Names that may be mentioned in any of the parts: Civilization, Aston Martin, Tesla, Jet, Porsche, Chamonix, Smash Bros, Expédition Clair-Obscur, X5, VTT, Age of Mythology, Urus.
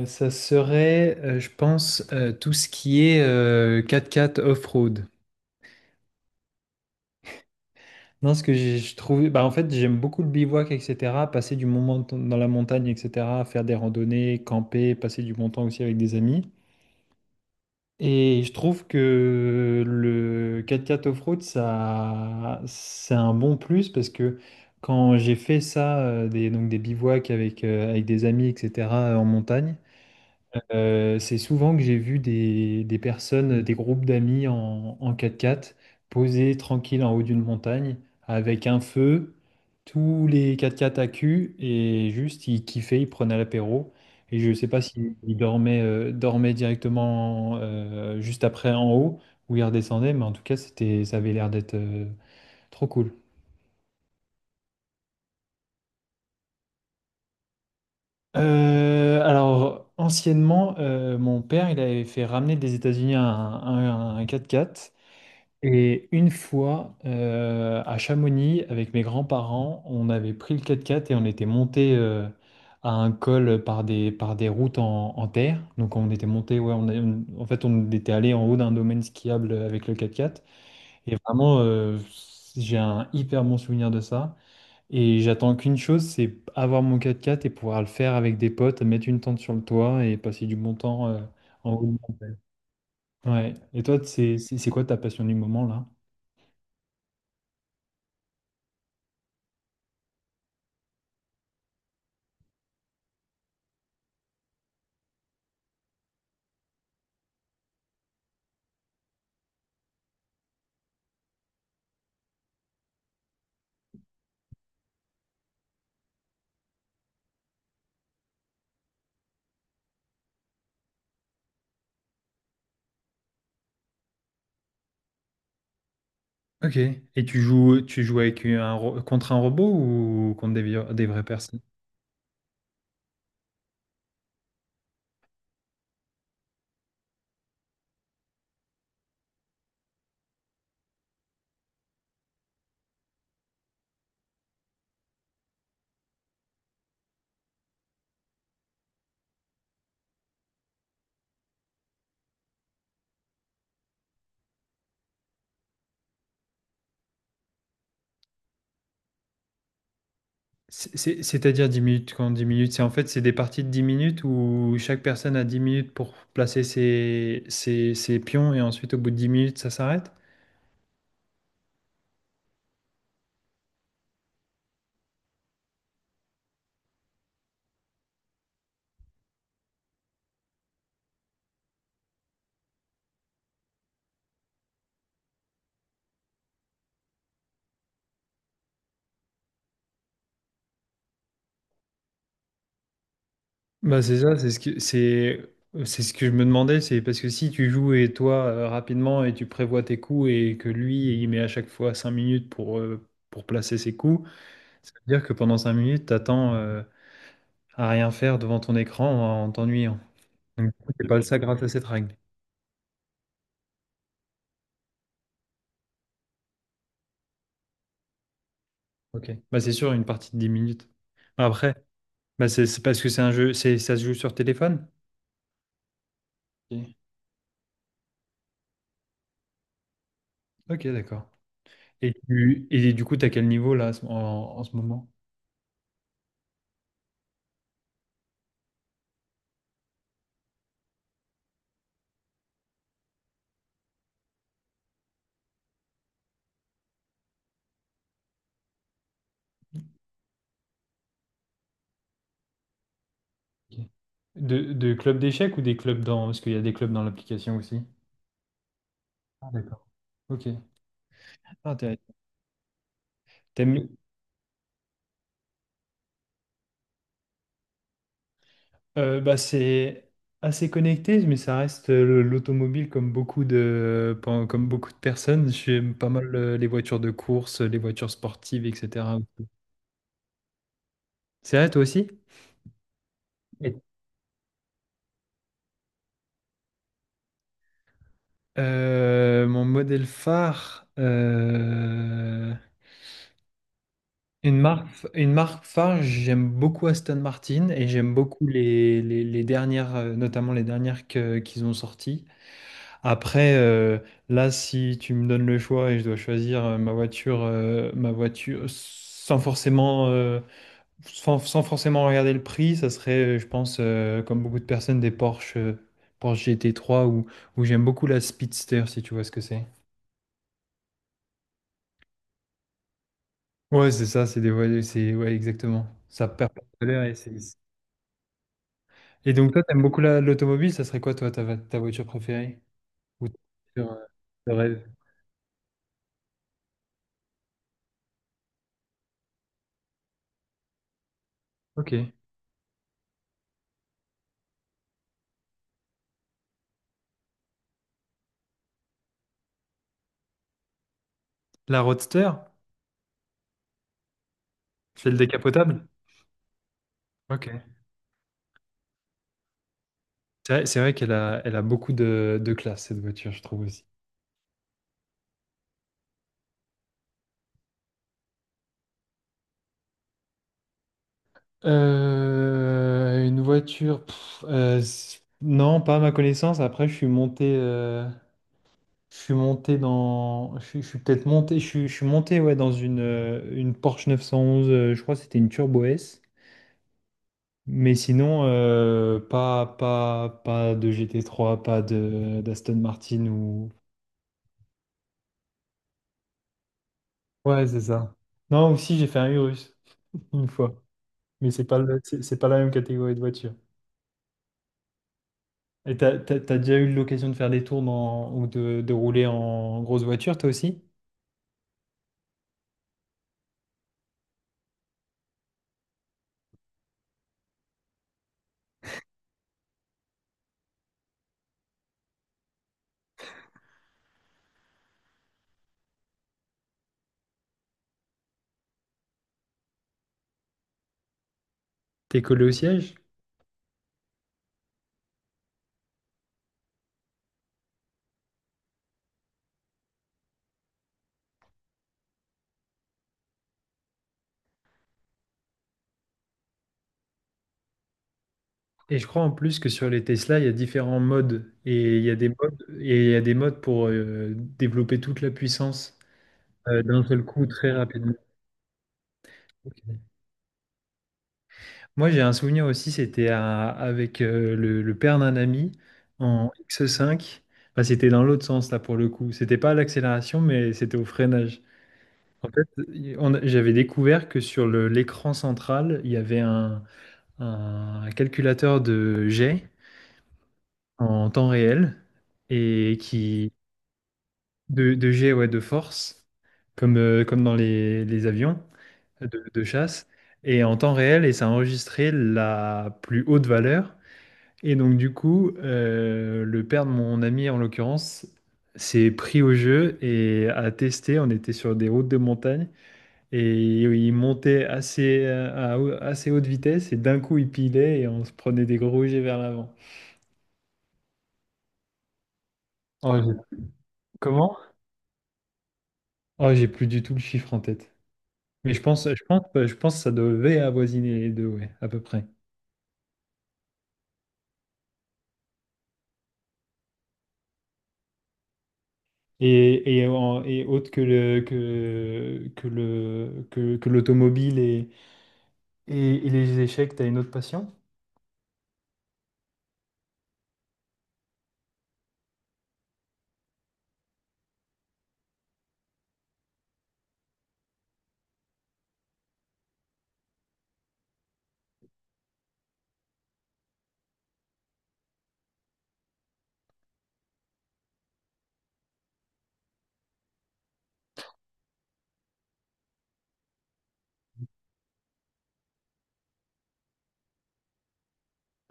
Ça serait, je pense, tout ce qui est quatre x off-road. Non, je trouve, bah, en fait, j'aime beaucoup le bivouac, etc. Passer dans la montagne, etc. Faire des randonnées, camper, passer du bon temps aussi avec des amis. Et je trouve que le quatre-quatre off-road, ça, c'est un bon plus parce que quand j'ai fait ça, donc des bivouacs avec des amis, etc., en montagne. C'est souvent que j'ai vu des personnes, des groupes d'amis en 4x4 posés tranquilles en haut d'une montagne avec un feu, tous les 4x4 à cul et juste ils kiffaient, ils prenaient l'apéro. Et je ne sais pas s'ils dormaient directement juste après en haut, ou ils redescendaient, mais en tout cas ça avait l'air d'être trop cool. Alors, anciennement, mon père, il avait fait ramener des États-Unis un 4x4. Et une fois, à Chamonix, avec mes grands-parents, on avait pris le quatre-quatre et on était monté à un col par par des routes en terre. Donc on était monté, ouais, en fait, on était allé en haut d'un domaine skiable avec le quatre-quatre. Et vraiment, j'ai un hyper bon souvenir de ça. Et j'attends qu'une chose, c'est avoir mon quatre-quatre et pouvoir le faire avec des potes, mettre une tente sur le toit et passer du bon temps en haut. Ouais. Et toi, c'est quoi ta passion du moment là? Ok. Et tu joues avec contre un robot ou contre des vraies personnes? C'est-à-dire 10 minutes quand 10 minutes, c'est en fait c'est des parties de 10 minutes où chaque personne a 10 minutes pour placer ses pions et ensuite au bout de 10 minutes ça s'arrête? Bah c'est ça, c'est ce que je me demandais, c'est parce que si tu joues et toi rapidement et tu prévois tes coups et que lui il met à chaque fois 5 minutes pour placer ses coups, ça veut dire que pendant 5 minutes, t'attends, à rien faire devant ton écran en t'ennuyant. Donc, du coup, t'es pas le ça grâce à cette règle. Ok. Bah, c'est sûr, une partie de 10 minutes. Après, bah, c'est parce que c'est un jeu, ça se joue sur téléphone? Ok. Ok, d'accord. Et du coup, t'as quel niveau là en ce moment? Ok. De club d'échecs ou des clubs dans... Parce qu'il y a des clubs dans l'application aussi. Ah, d'accord. Ok. Ah, t'es- t'aimes, Bah, c'est assez connecté, mais ça reste l'automobile comme comme beaucoup de personnes. J'aime pas mal les voitures de course, les voitures sportives, etc. C'est vrai, toi aussi? Oui. Mon modèle phare, une marque, une marque phare, j'aime beaucoup Aston Martin et j'aime beaucoup les dernières, notamment les dernières qu'ils ont sorties. Après, là, si tu me donnes le choix et je dois choisir ma voiture sans forcément, sans forcément regarder le prix, ça serait, je pense, comme beaucoup de personnes, Porsche gt trois, ou j'aime beaucoup la Speedster, si tu vois ce que c'est. Ouais, c'est ça, c'est des voitures, c'est ouais, exactement. Ça perd pas de valeur et c'est. Et donc toi, t'aimes beaucoup l'automobile, ça serait quoi toi ta voiture préférée? Ou ta voiture de rêve? Ok. La Roadster? Celle décapotable? Ok. C'est vrai elle a beaucoup de classe, cette voiture, je trouve aussi. Une voiture, pff, non, pas à ma connaissance. Après, je suis monté dans, je suis peut-être monté, je suis monté ouais dans une Porsche 911. Je crois que c'était une Turbo S. Mais sinon, pas de GT3, pas de d'Aston Martin ou. Ouais, c'est ça. Non, aussi j'ai fait un Urus une fois, mais c'est pas la même catégorie de voiture. Et t'as déjà eu l'occasion de faire des tours ou de rouler en grosse voiture, toi aussi? T'es collé au siège? Et je crois en plus que sur les Tesla, il y a différents modes. Et il y a des modes pour développer toute la puissance d'un seul coup très rapidement. Ok. Moi, j'ai un souvenir aussi, avec le père d'un ami en X5. Enfin, c'était dans l'autre sens, là, pour le coup. C'était pas à l'accélération, mais c'était au freinage. En fait, j'avais découvert que sur l'écran central, il y avait un calculateur de jet en temps réel et qui de jet, ouais, de force, comme dans les avions de chasse, et en temps réel, et ça enregistrait la plus haute valeur. Et donc du coup, le père de mon ami, en l'occurrence, s'est pris au jeu et a testé. On était sur des routes de montagne. Et oui, à assez haute vitesse et d'un coup il pilait et on se prenait des gros jets vers l'avant. Oh, j'ai- Comment? Oh, j'ai plus du tout le chiffre en tête. Mais je pense que ça devait avoisiner les deux, ouais, à peu près. Et autre que que l'automobile et les échecs, t'as une autre passion?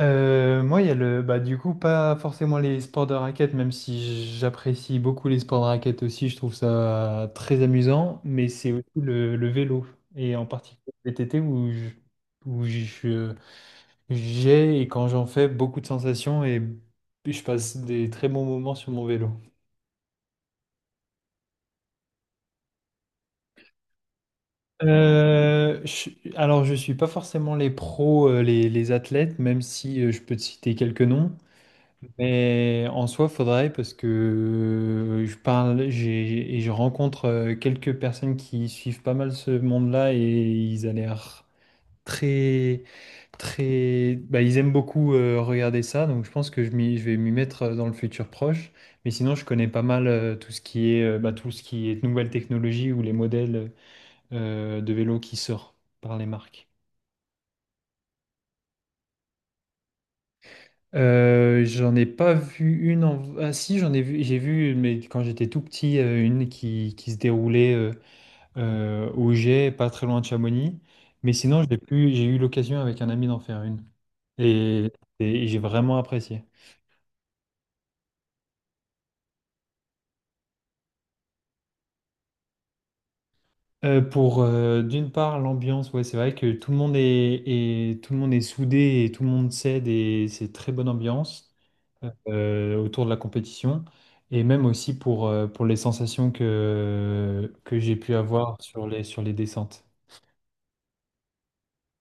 Moi, il y a le, bah, du coup, pas forcément les sports de raquette, même si j'apprécie beaucoup les sports de raquette aussi, je trouve ça très amusant, mais c'est aussi le vélo, et en particulier le VTT où je- j'ai, et quand j'en fais, beaucoup de sensations et je passe des très bons moments sur mon vélo. Euh, je- alors, je suis pas forcément les pros, les athlètes, même si je peux te citer quelques noms. Mais en soi, faudrait parce que je parle, j'ai- et je rencontre quelques personnes qui suivent pas mal ce monde-là et ils ont l'air très, très, bah, ils aiment beaucoup regarder ça. Donc je pense que je vais m'y mettre dans le futur proche. Mais sinon, je connais pas mal tout ce qui est, bah, tout ce qui est nouvelle technologie ou les modèles de vélo qui sortent par les marques. J'en ai pas vu une en... Ah si, j'ai vu, mais quand j'étais tout petit, une qui se déroulait au Jet, pas très loin de Chamonix. Mais sinon, j'ai eu l'occasion avec un ami d'en faire une. Et, et j'ai vraiment apprécié. Pour d'une part l'ambiance, ouais, c'est vrai que tout le monde est soudé et tout le monde s'aide et c'est très bonne ambiance, autour de la compétition, et même aussi pour les sensations que j'ai pu avoir sur sur les descentes.